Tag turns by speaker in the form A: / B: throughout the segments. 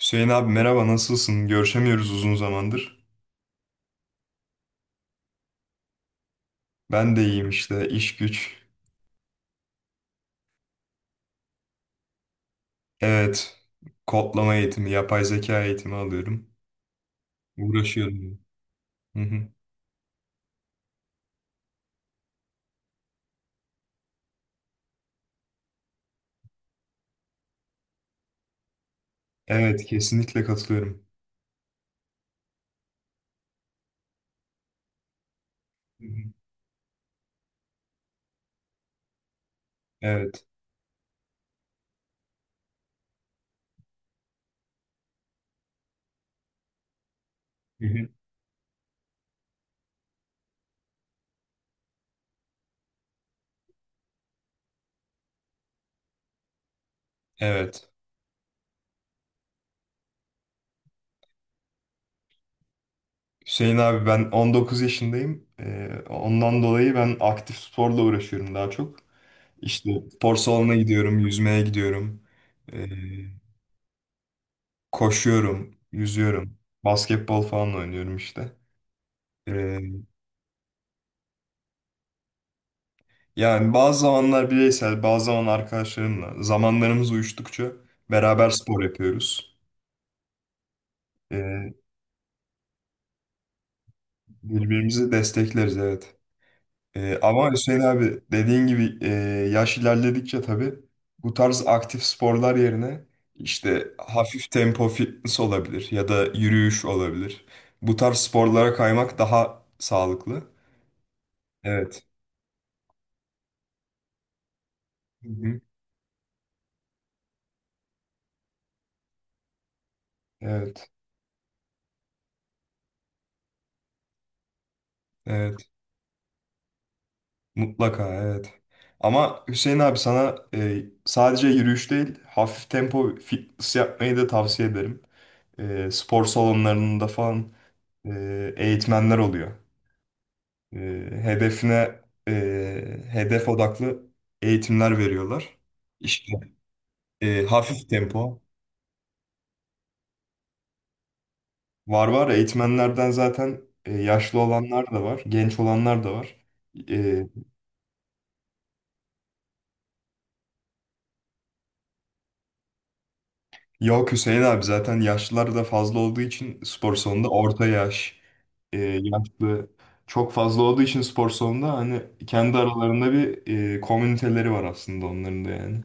A: Hüseyin abi merhaba, nasılsın? Görüşemiyoruz uzun zamandır. Ben de iyiyim işte iş güç. Evet, kodlama eğitimi, yapay zeka eğitimi alıyorum. Uğraşıyorum. Hı hı. Evet, kesinlikle katılıyorum. Hı hı. Evet. Hı hı. Evet. Hüseyin abi, ben 19 yaşındayım. Ondan dolayı ben aktif sporla uğraşıyorum daha çok. İşte spor salonuna gidiyorum, yüzmeye gidiyorum. Ee, Koşuyorum, yüzüyorum. Basketbol falan oynuyorum işte. Ee, Yani bazı zamanlar bireysel, bazı zaman arkadaşlarımla, zamanlarımız uyuştukça beraber spor yapıyoruz. Ee, Birbirimizi destekleriz, evet. Ama Hüseyin abi, dediğin gibi, yaş ilerledikçe tabii bu tarz aktif sporlar yerine işte hafif tempo fitness olabilir ya da yürüyüş olabilir. Bu tarz sporlara kaymak daha sağlıklı. Evet. Hı hı. Evet. Evet. Mutlaka, evet. Ama Hüseyin abi sana sadece yürüyüş değil, hafif tempo fitness yapmayı da tavsiye ederim. E, spor salonlarında falan eğitmenler oluyor. E, hedefine e, hedef odaklı eğitimler veriyorlar. İşte hafif tempo var var eğitmenlerden zaten, yaşlı olanlar da var, genç olanlar da var. E, yok Hüseyin abi, zaten yaşlılar da fazla olduğu için spor salonunda orta yaş. Yaşlı çok fazla olduğu için spor salonunda hani kendi aralarında bir komüniteleri var aslında onların da, yani.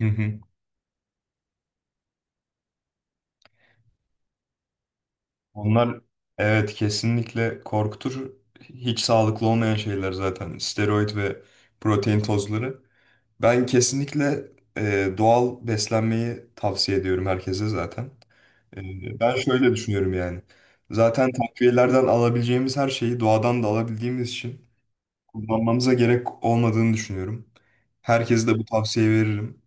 A: Hı hı. Onlar, evet, kesinlikle korkutur. Hiç sağlıklı olmayan şeyler zaten. Steroid ve protein tozları. Ben kesinlikle doğal beslenmeyi tavsiye ediyorum herkese zaten. E, ben şöyle düşünüyorum yani. Zaten takviyelerden alabileceğimiz her şeyi doğadan da alabildiğimiz için kullanmamıza gerek olmadığını düşünüyorum. Herkese de bu tavsiyeyi veririm.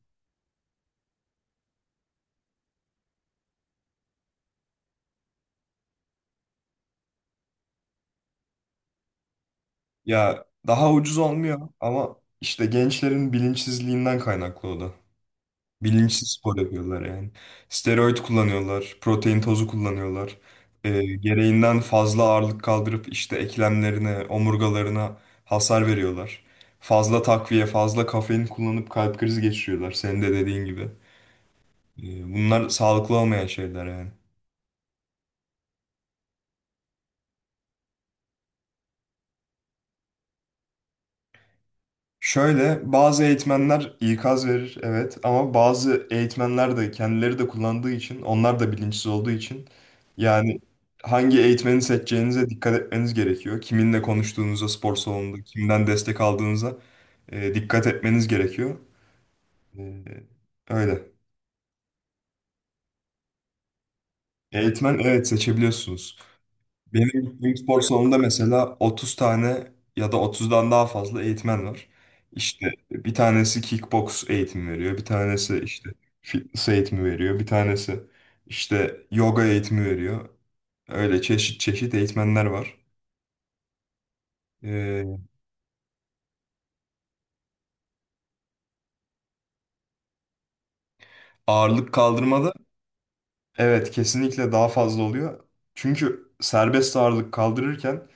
A: Ya daha ucuz olmuyor ama işte gençlerin bilinçsizliğinden kaynaklı o da. Bilinçsiz spor yapıyorlar yani. Steroid kullanıyorlar, protein tozu kullanıyorlar. Gereğinden fazla ağırlık kaldırıp işte eklemlerine, omurgalarına hasar veriyorlar. Fazla takviye, fazla kafein kullanıp kalp krizi geçiriyorlar. Senin de dediğin gibi. Bunlar sağlıklı olmayan şeyler yani. Şöyle bazı eğitmenler ikaz verir, evet, ama bazı eğitmenler de kendileri de kullandığı için, onlar da bilinçsiz olduğu için, yani hangi eğitmeni seçeceğinize dikkat etmeniz gerekiyor. Kiminle konuştuğunuza, spor salonunda kimden destek aldığınıza dikkat etmeniz gerekiyor. E, öyle. Eğitmen, evet, seçebiliyorsunuz. Benim gittiğim spor salonunda mesela 30 tane ya da 30'dan daha fazla eğitmen var. İşte bir tanesi kickbox eğitimi veriyor, bir tanesi işte fitness eğitimi veriyor, bir tanesi işte yoga eğitimi veriyor. Öyle çeşit çeşit eğitmenler var. Ee, ağırlık kaldırmada evet, kesinlikle daha fazla oluyor. Çünkü serbest ağırlık kaldırırken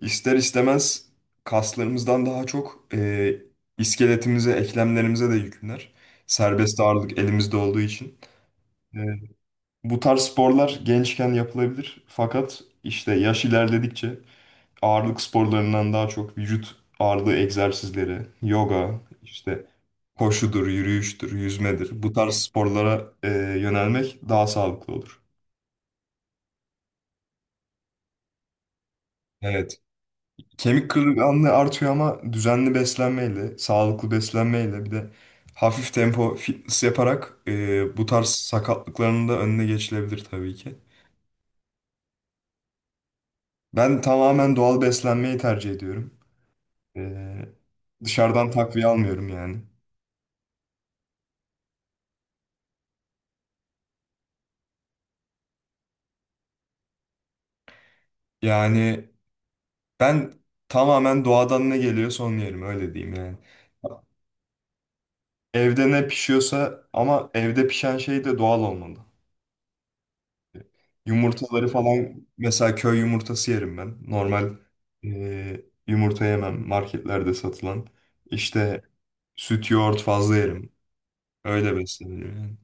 A: ister istemez kaslarımızdan daha çok iskeletimize, eklemlerimize de yüklenir. Serbest ağırlık elimizde olduğu için. E, bu tarz sporlar gençken yapılabilir. Fakat işte yaş ilerledikçe ağırlık sporlarından daha çok vücut ağırlığı egzersizleri, yoga, işte koşudur, yürüyüştür, yüzmedir. Bu tarz sporlara yönelmek daha sağlıklı olur. Evet. Kemik kırılganlığı artıyor ama düzenli beslenmeyle, sağlıklı beslenmeyle, bir de hafif tempo fitness yaparak bu tarz sakatlıkların da önüne geçilebilir tabii ki. Ben tamamen doğal beslenmeyi tercih ediyorum. E, dışarıdan takviye almıyorum yani. Yani ben tamamen doğadan ne geliyorsa onu yerim, öyle diyeyim yani. Evde ne pişiyorsa, ama evde pişen şey de doğal olmalı. Yumurtaları falan mesela köy yumurtası yerim ben. Normal e, yumurta yemem marketlerde satılan. İşte süt, yoğurt fazla yerim. Öyle besleniyorum, yani.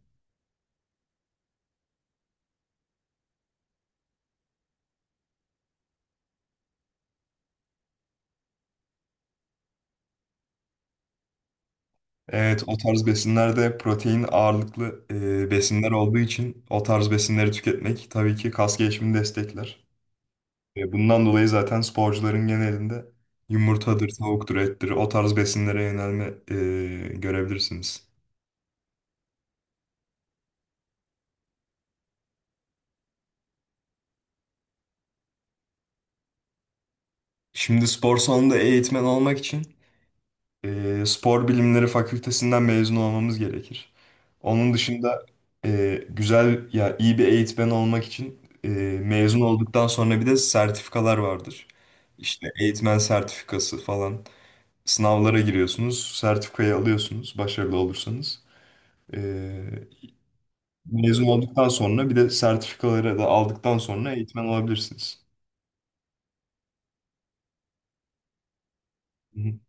A: Evet, o tarz besinlerde protein ağırlıklı besinler olduğu için o tarz besinleri tüketmek tabii ki kas gelişimini destekler. Bundan dolayı zaten sporcuların genelinde yumurtadır, tavuktur, ettir, o tarz besinlere yönelme görebilirsiniz. Şimdi spor salonunda eğitmen olmak için spor bilimleri fakültesinden mezun olmamız gerekir. Onun dışında güzel ya, iyi bir eğitmen olmak için mezun olduktan sonra bir de sertifikalar vardır. İşte eğitmen sertifikası falan. Sınavlara giriyorsunuz, sertifikayı alıyorsunuz başarılı olursanız. E, mezun olduktan sonra bir de sertifikaları da aldıktan sonra eğitmen olabilirsiniz. Hı hı.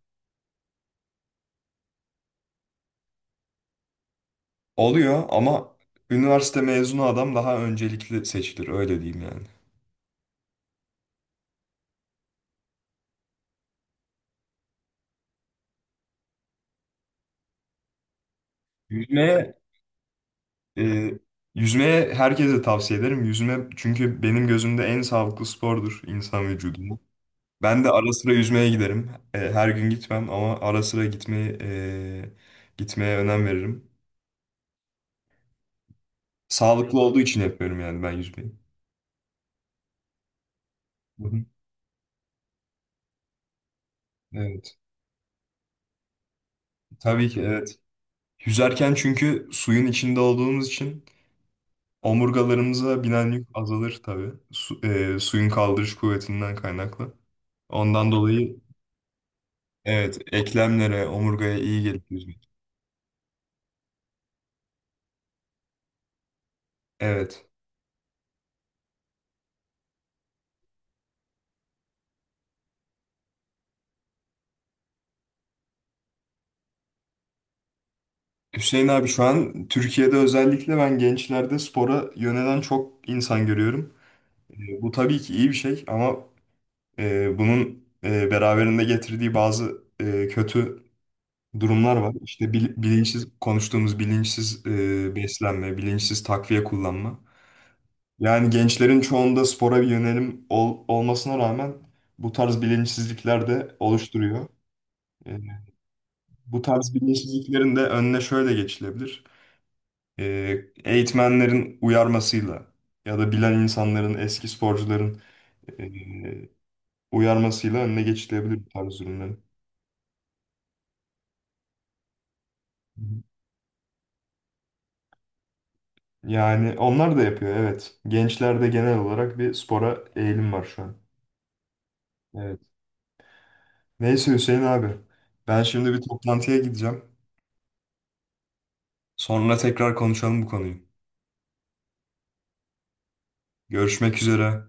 A: Oluyor ama üniversite mezunu adam daha öncelikli seçilir, öyle diyeyim yani. Yüzmeye Ee, yüzmeye herkese tavsiye ederim. Yüzme, çünkü benim gözümde en sağlıklı spordur insan vücuduna. Ben de ara sıra yüzmeye giderim. Her gün gitmem ama ara sıra gitmeyi gitmeye önem veririm. Sağlıklı olduğu için yapıyorum yani ben yüzmeyi. Hı hı. Evet. Tabii ki, evet. Yüzerken, çünkü suyun içinde olduğumuz için omurgalarımıza binen yük azalır tabii. Suyun kaldırış kuvvetinden kaynaklı. Ondan dolayı, evet, eklemlere, omurgaya iyi gelir yüzme. Evet. Hüseyin abi, şu an Türkiye'de özellikle ben gençlerde spora yönelen çok insan görüyorum. E, bu tabii ki iyi bir şey, ama bunun beraberinde getirdiği bazı kötü durumlar var. İşte bilinçsiz konuştuğumuz, bilinçsiz beslenme, bilinçsiz takviye kullanma. Yani gençlerin çoğunda spora bir yönelim olmasına rağmen bu tarz bilinçsizlikler de oluşturuyor. E, Bu tarz bilinçsizliklerin de önüne şöyle geçilebilir: e, eğitmenlerin uyarmasıyla ya da bilen insanların, eski sporcuların e, uyarmasıyla önüne geçilebilir bu tarz ürünlerin. Hı hı. Yani onlar da yapıyor, evet. Gençlerde genel olarak bir spora eğilim var şu an. Evet. Neyse Hüseyin abi, ben şimdi bir toplantıya gideceğim. Sonra tekrar konuşalım bu konuyu. Görüşmek üzere.